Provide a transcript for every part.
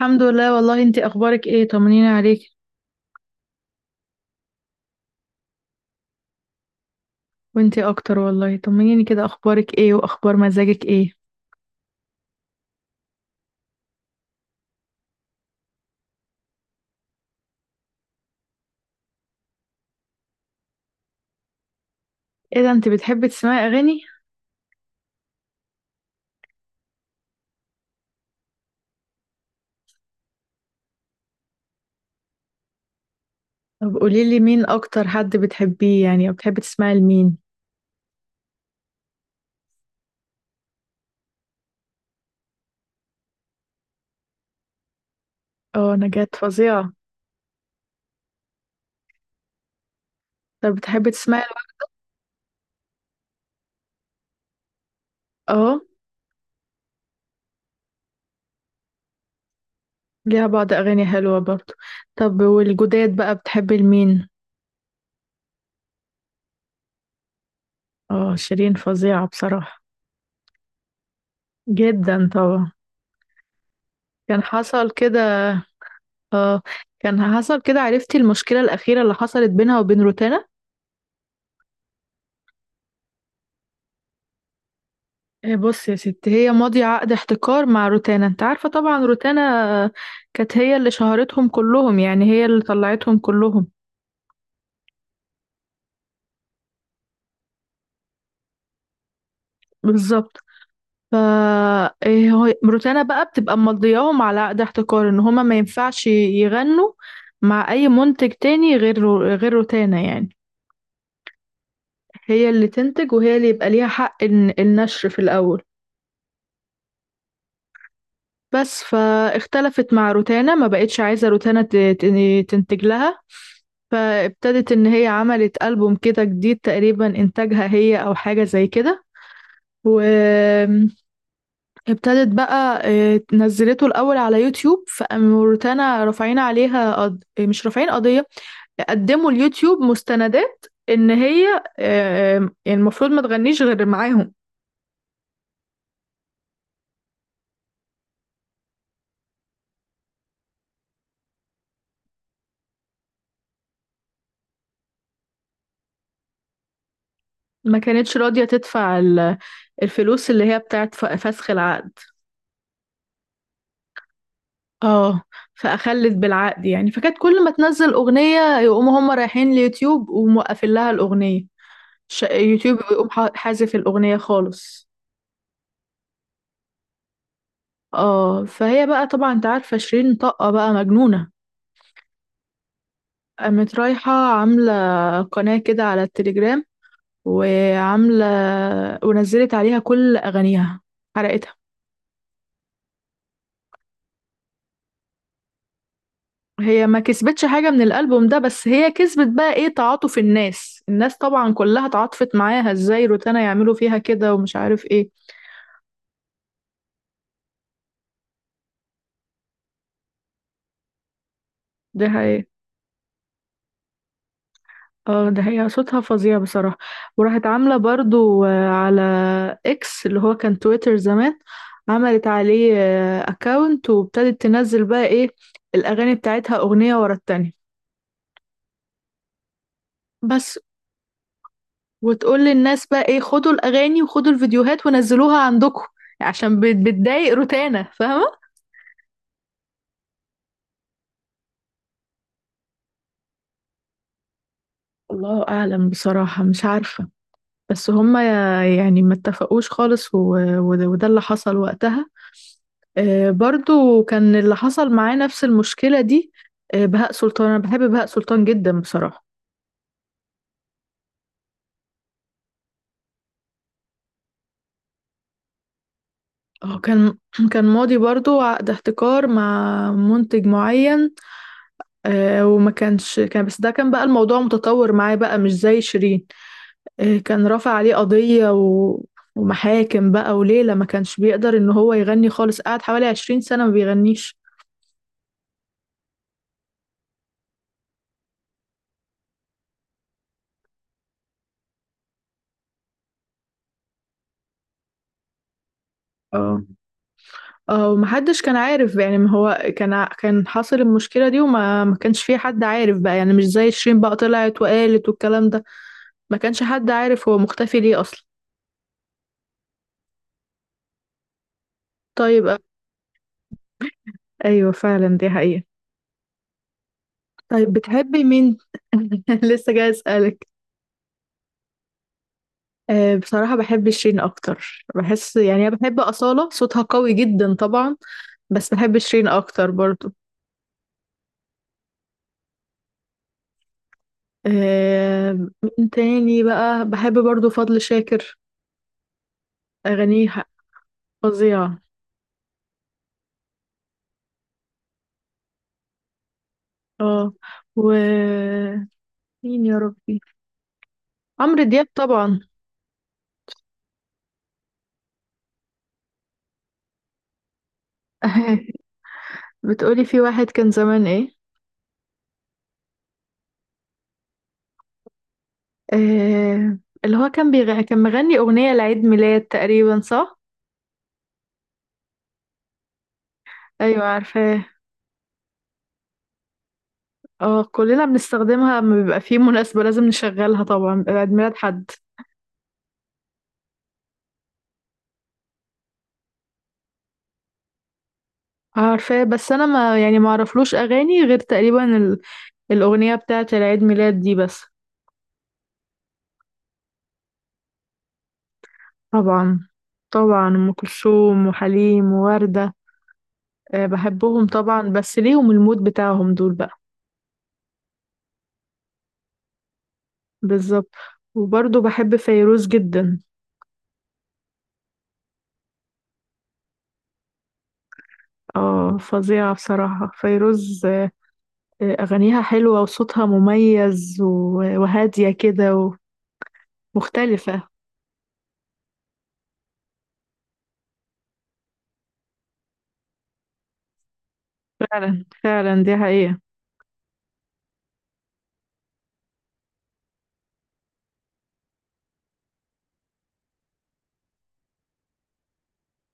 الحمد لله، والله انتي اخبارك ايه؟ طمنيني عليك. وانتي اكتر والله، طمنيني كده، اخبارك ايه واخبار مزاجك ايه؟ ايه ده، انتي بتحبي تسمعي اغاني؟ طب قوليلي مين اكتر حد بتحبيه يعني، او بتحبي تسمعي لمين؟ اه، نجاة فظيعة. طب بتحبي تسمعي. اه، ليها بعض اغاني حلوة برضو. طب والجداد بقى بتحبي لمين؟ اه، شيرين فظيعة بصراحة. جدا طبعا. كان حصل كده. اه. كان حصل كده، عرفتي المشكلة الأخيرة اللي حصلت بينها وبين روتانا؟ بص يا ست، هي ماضية عقد احتكار مع روتانا، انت عارفة طبعا روتانا. آه، كانت هي اللي شهرتهم كلهم، يعني هي اللي طلعتهم كلهم. بالظبط. ف روتانا بقى بتبقى مضياهم على عقد احتكار، ان هما ما ينفعش يغنوا مع اي منتج تاني غير غير روتانا يعني. هي اللي تنتج، وهي اللي يبقى ليها حق النشر في الاول. بس فاختلفت مع روتانا، ما بقتش عايزة روتانا تنتج لها. فابتدت ان هي عملت ألبوم كده جديد، تقريبا انتاجها هي او حاجة زي كده. وابتدت بقى نزلته الاول على يوتيوب، فالموريتانا رافعين عليها قض... آه، مش رافعين قضية، قدموا اليوتيوب مستندات ان هي المفروض ما تغنيش غير معاهم. ما كانتش راضية تدفع الفلوس اللي هي بتاعت فسخ العقد. اه. فأخلت بالعقد يعني، فكانت كل ما تنزل أغنية يقوموا هم رايحين اليوتيوب وموقفين لها الأغنية. يوتيوب يقوم حازف الأغنية خالص. اه. فهي بقى، طبعا انت عارفة شيرين طاقة بقى مجنونة، قامت رايحة عاملة قناة كده على التليجرام، وعاملة ونزلت عليها كل أغانيها، حرقتها. هي ما كسبتش حاجة من الألبوم ده، بس هي كسبت بقى ايه، تعاطف الناس. الناس طبعا كلها تعاطفت معاها. ازاي روتانا يعملوا فيها كده ومش عارف ايه. ده هي. اه، ده هي صوتها فظيع بصراحة. وراحت عاملة برضو على اكس، اللي هو كان تويتر زمان، عملت عليه اكاونت وابتدت تنزل بقى ايه الأغاني بتاعتها، أغنية ورا التانية. بس. وتقول للناس بقى ايه، خدوا الأغاني وخدوا الفيديوهات ونزلوها عندكم، عشان بتضايق روتانا، فاهمة. الله أعلم بصراحة، مش عارفة. بس هما يعني ما اتفقوش خالص وده اللي حصل وقتها. برضو كان اللي حصل معاه نفس المشكلة دي. بهاء سلطان، أنا بحب بهاء سلطان جدا بصراحة. اه، كان كان ماضي برضو عقد احتكار مع منتج معين. وما كانش، كان بس ده كان بقى الموضوع متطور معاه، بقى مش زي شيرين. كان رافع عليه قضية و ومحاكم بقى، وليلة ما كانش بيقدر ان هو يغني خالص، قعد حوالي 20 سنة ما بيغنيش. اه. ومحدش كان عارف بقى، يعني ما هو كان كان حاصل المشكلة دي، وما ما كانش في حد عارف بقى، يعني مش زي شيرين بقى طلعت وقالت والكلام ده. ما كانش حد عارف هو مختفي ليه أصلا. طيب أيوة فعلا، دي حقيقة. طيب بتحبي مين؟ لسه جاي أسألك. أه بصراحة بحب شيرين أكتر. بحس يعني، أنا بحب أصالة صوتها قوي جدا طبعا، بس بحب شيرين أكتر برضو. أه، مين تاني بقى بحب برضو؟ فضل شاكر، أغانيه فظيعة. اه. و مين يا ربي، عمرو دياب طبعا. بتقولي في واحد كان زمان ايه؟ آه... اللي هو كان مغني اغنية لعيد ميلاد تقريبا، صح؟ ايوه عارفاه. اه، كلنا بنستخدمها لما بيبقى في مناسبة لازم نشغلها طبعا، بيبقى عيد ميلاد حد. عارفاه بس انا ما يعني ما اعرفلوش اغاني غير تقريبا الاغنية بتاعة العيد ميلاد دي بس. طبعا. طبعا ام كلثوم وحليم ووردة. بحبهم طبعا بس ليهم المود بتاعهم دول بقى. بالظبط. وبرضه بحب فيروز جدا. اه، فظيعة بصراحة فيروز. أغانيها حلوة وصوتها مميز وهادية كده ومختلفة. فعلا فعلا، دي حقيقة.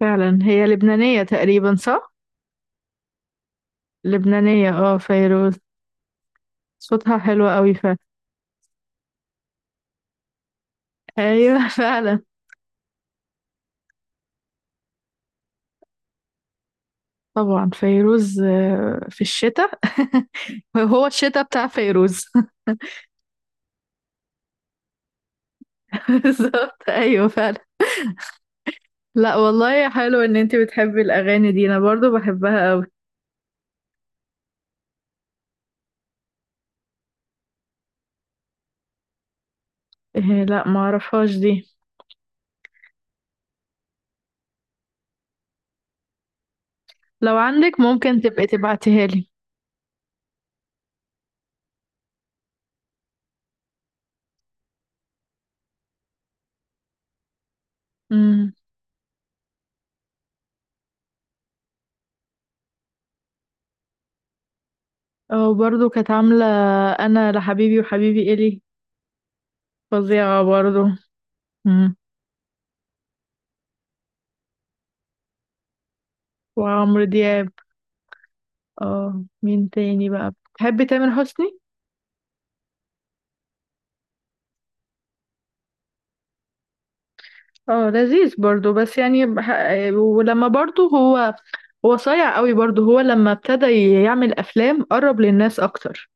فعلا هي لبنانية تقريبا، صح؟ لبنانية اه، فيروز. صوتها حلو قوي فعلا. ايوه فعلا. طبعا فيروز في الشتاء. هو الشتاء بتاع فيروز. بالظبط، ايوه فعلا. لا والله، حلو ان انتي بتحبي الاغاني دي، انا برضو بحبها قوي. إيه، لا ما اعرفهاش دي. لو عندك ممكن تبقي تبعتيها لي. امم. او برضو كانت عامله انا لحبيبي وحبيبي الي. فظيعه برضو. امم. وعمرو دياب. اه، مين تاني بقى بتحبي؟ تامر حسني. اه، لذيذ برضو، بس يعني ولما برضو هو، هو صايع قوي برضو، هو لما ابتدى يعمل افلام قرب للناس اكتر.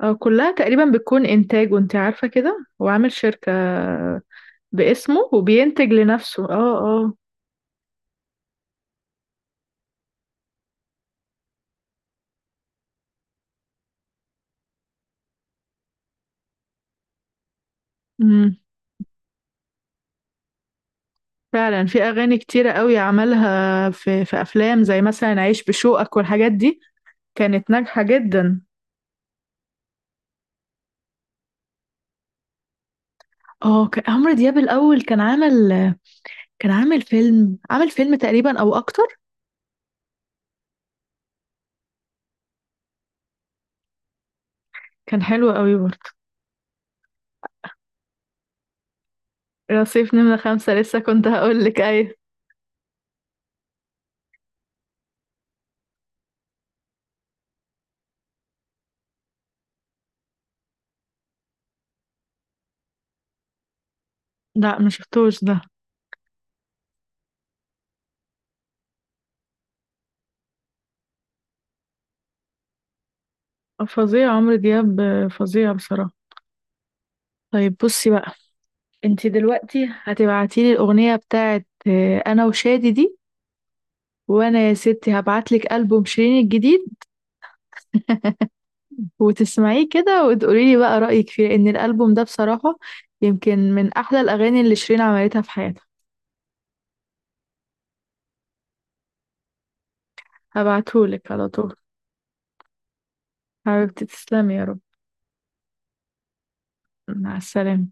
كلها تقريبا بتكون انتاج، وانت عارفة كده، هو عامل شركة باسمه وبينتج لنفسه. اه اه. امم. فعلا، في اغاني كتيرة قوي عملها في افلام زي مثلا عيش بشوقك والحاجات دي، كانت ناجحة جدا. اه. كان عمرو دياب الاول، كان عامل فيلم، تقريبا او اكتر. كان حلو قوي برضه. رصيف نمرة 5، لسه كنت هقول لك ايه. لا، ما شفتوش ده. فظيع عمرو دياب، فظيع بصراحة. طيب بصي بقى، انتي دلوقتي هتبعتيلي الأغنية بتاعت أنا وشادي دي، وأنا يا ستي هبعتلك ألبوم شيرين الجديد وتسمعيه كده وتقوليلي بقى رأيك فيه، لأن الألبوم ده بصراحة يمكن من أحلى الأغاني اللي شيرين عملتها في حياتها. هبعتهولك على طول. حبيبتي تسلمي يا رب. مع السلامة.